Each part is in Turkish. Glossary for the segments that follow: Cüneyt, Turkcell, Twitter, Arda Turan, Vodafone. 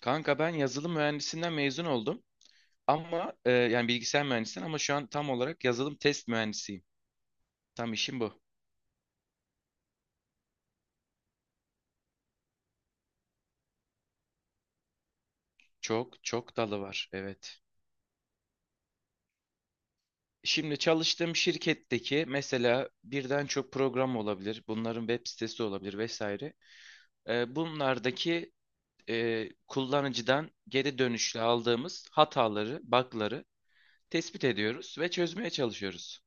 Kanka ben yazılım mühendisinden mezun oldum. Ama yani bilgisayar mühendisinden ama şu an tam olarak yazılım test mühendisiyim. Tam işim bu. Çok çok dalı var. Evet. Şimdi çalıştığım şirketteki mesela birden çok program olabilir. Bunların web sitesi olabilir vesaire. Bunlardaki kullanıcıdan geri dönüşle aldığımız hataları, bug'ları tespit ediyoruz ve çözmeye çalışıyoruz.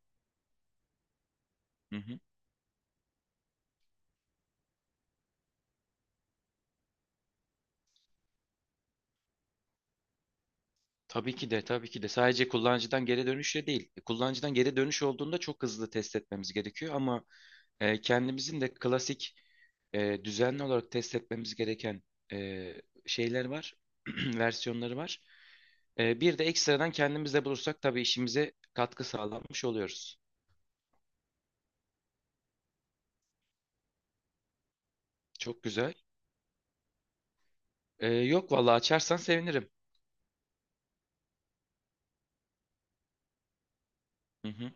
Tabii ki de, tabii ki de. Sadece kullanıcıdan geri dönüşle değil. Kullanıcıdan geri dönüş olduğunda çok hızlı test etmemiz gerekiyor ama kendimizin de klasik düzenli olarak test etmemiz gereken e, şeyler var, versiyonları var. Bir de ekstradan kendimiz de bulursak tabii işimize katkı sağlanmış oluyoruz. Çok güzel. Yok vallahi açarsan sevinirim. Hı hı.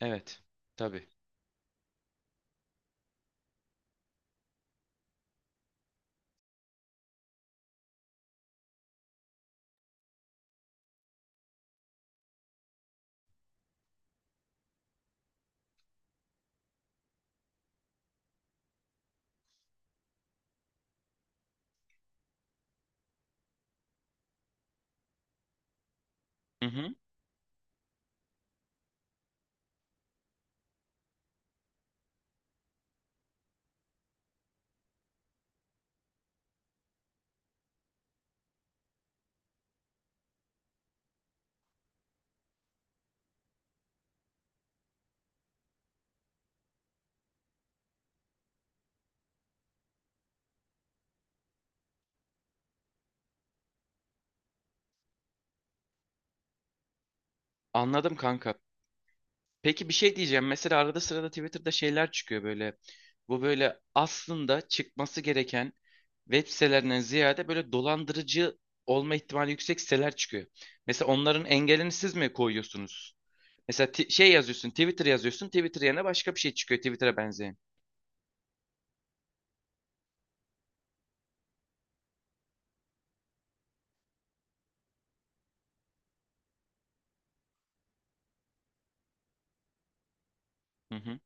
Evet, tabii. Hı hı. Anladım kanka. Peki bir şey diyeceğim. Mesela arada sırada Twitter'da şeyler çıkıyor böyle. Bu böyle aslında çıkması gereken web sitelerinden ziyade böyle dolandırıcı olma ihtimali yüksek siteler çıkıyor. Mesela onların engelini siz mi koyuyorsunuz? Mesela şey yazıyorsun, Twitter yazıyorsun, Twitter yerine başka bir şey çıkıyor Twitter'a benzeyen. Hı hı,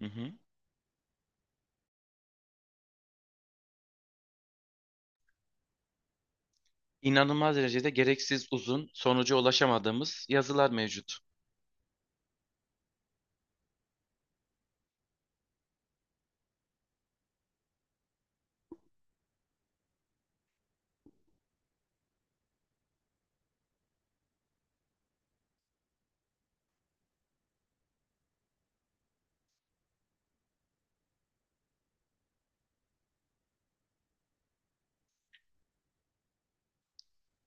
hı hı. İnanılmaz derecede gereksiz uzun, sonuca ulaşamadığımız yazılar mevcut.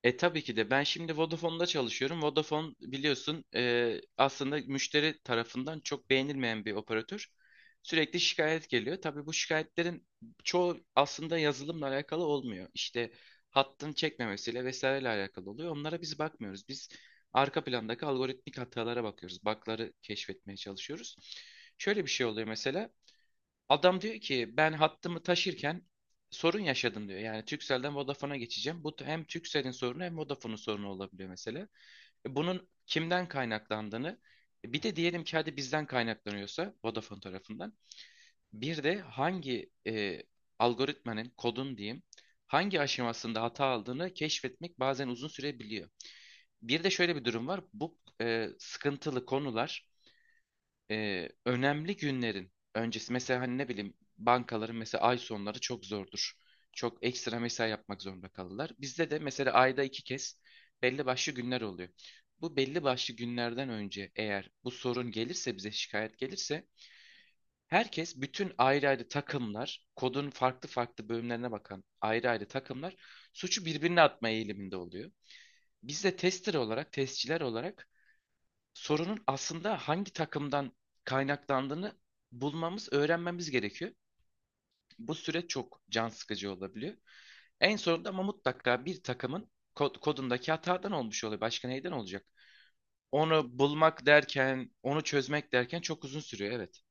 Tabii ki de ben şimdi Vodafone'da çalışıyorum. Vodafone biliyorsun, aslında müşteri tarafından çok beğenilmeyen bir operatör. Sürekli şikayet geliyor. Tabii bu şikayetlerin çoğu aslında yazılımla alakalı olmuyor. İşte hattın çekmemesiyle vesaireyle alakalı oluyor. Onlara biz bakmıyoruz. Biz arka plandaki algoritmik hatalara bakıyoruz. Bug'ları keşfetmeye çalışıyoruz. Şöyle bir şey oluyor mesela. Adam diyor ki ben hattımı taşırken sorun yaşadım diyor. Yani Turkcell'den Vodafone'a geçeceğim. Bu hem Turkcell'in sorunu hem Vodafone'un sorunu olabiliyor mesela. Bunun kimden kaynaklandığını, bir de diyelim ki hadi bizden kaynaklanıyorsa Vodafone tarafından. Bir de hangi algoritmanın, kodun diyeyim, hangi aşamasında hata aldığını keşfetmek bazen uzun sürebiliyor. Bir de şöyle bir durum var. Bu sıkıntılı konular, önemli günlerin öncesi, mesela hani ne bileyim bankaların mesela ay sonları çok zordur. Çok ekstra mesai yapmak zorunda kalırlar. Bizde de mesela ayda iki kez belli başlı günler oluyor. Bu belli başlı günlerden önce eğer bu sorun gelirse, bize şikayet gelirse, herkes, bütün ayrı ayrı takımlar, kodun farklı farklı bölümlerine bakan ayrı ayrı takımlar, suçu birbirine atma eğiliminde oluyor. Biz de tester olarak, testçiler olarak sorunun aslında hangi takımdan kaynaklandığını bulmamız, öğrenmemiz gerekiyor. Bu süreç çok can sıkıcı olabiliyor. En sonunda ama mutlaka bir takımın kodundaki hatadan olmuş oluyor. Başka neyden olacak? Onu bulmak derken, onu çözmek derken çok uzun sürüyor. Evet.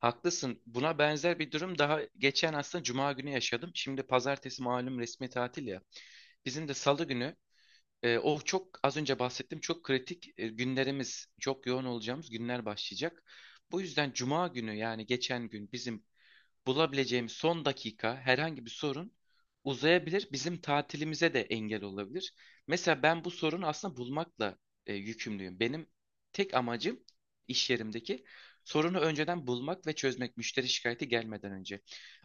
Haklısın. Buna benzer bir durum daha geçen aslında Cuma günü yaşadım. Şimdi pazartesi malum resmi tatil ya. Bizim de salı günü, o çok az önce bahsettim, çok kritik günlerimiz, çok yoğun olacağımız günler başlayacak. Bu yüzden Cuma günü, yani geçen gün, bizim bulabileceğim son dakika herhangi bir sorun uzayabilir, bizim tatilimize de engel olabilir. Mesela ben bu sorunu aslında bulmakla yükümlüyüm. Benim tek amacım iş yerimdeki sorunu önceden bulmak ve çözmek, müşteri şikayeti gelmeden önce.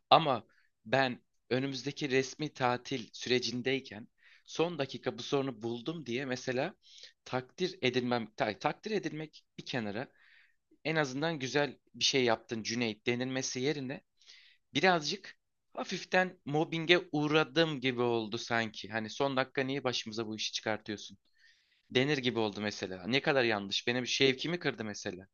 Ama ben önümüzdeki resmi tatil sürecindeyken son dakika bu sorunu buldum diye mesela takdir edilmem, takdir edilmek bir kenara, en azından "güzel bir şey yaptın Cüneyt" denilmesi yerine, birazcık hafiften mobbinge uğradım gibi oldu sanki. Hani "son dakika niye başımıza bu işi çıkartıyorsun?" denir gibi oldu mesela. Ne kadar yanlış. Benim şevkimi kırdı mesela.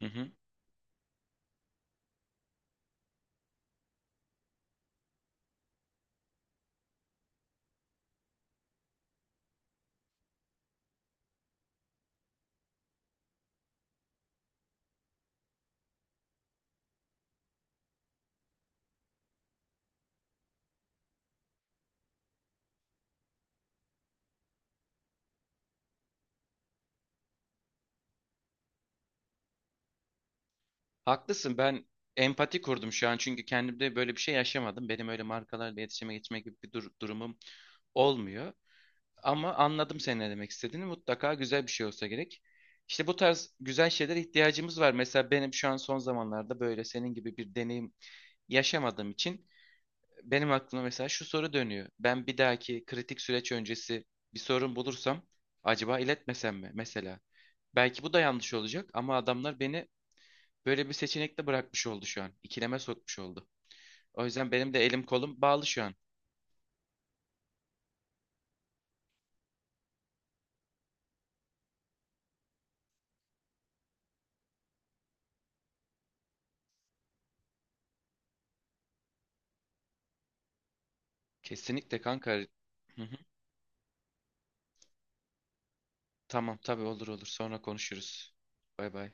Hı hı. Haklısın. Ben empati kurdum şu an, çünkü kendimde böyle bir şey yaşamadım. Benim öyle markalarla iletişime geçme gibi bir durumum olmuyor. Ama anladım senin ne demek istediğini. Mutlaka güzel bir şey olsa gerek. İşte bu tarz güzel şeylere ihtiyacımız var. Mesela benim şu an son zamanlarda böyle senin gibi bir deneyim yaşamadığım için benim aklıma mesela şu soru dönüyor. Ben bir dahaki kritik süreç öncesi bir sorun bulursam acaba iletmesem mi mesela? Belki bu da yanlış olacak ama adamlar beni böyle bir seçenekle bırakmış oldu şu an. İkileme sokmuş oldu. O yüzden benim de elim kolum bağlı şu an. Kesinlikle kanka. Hı hı. Tamam, tabii, olur olur. Sonra konuşuruz. Bay bay.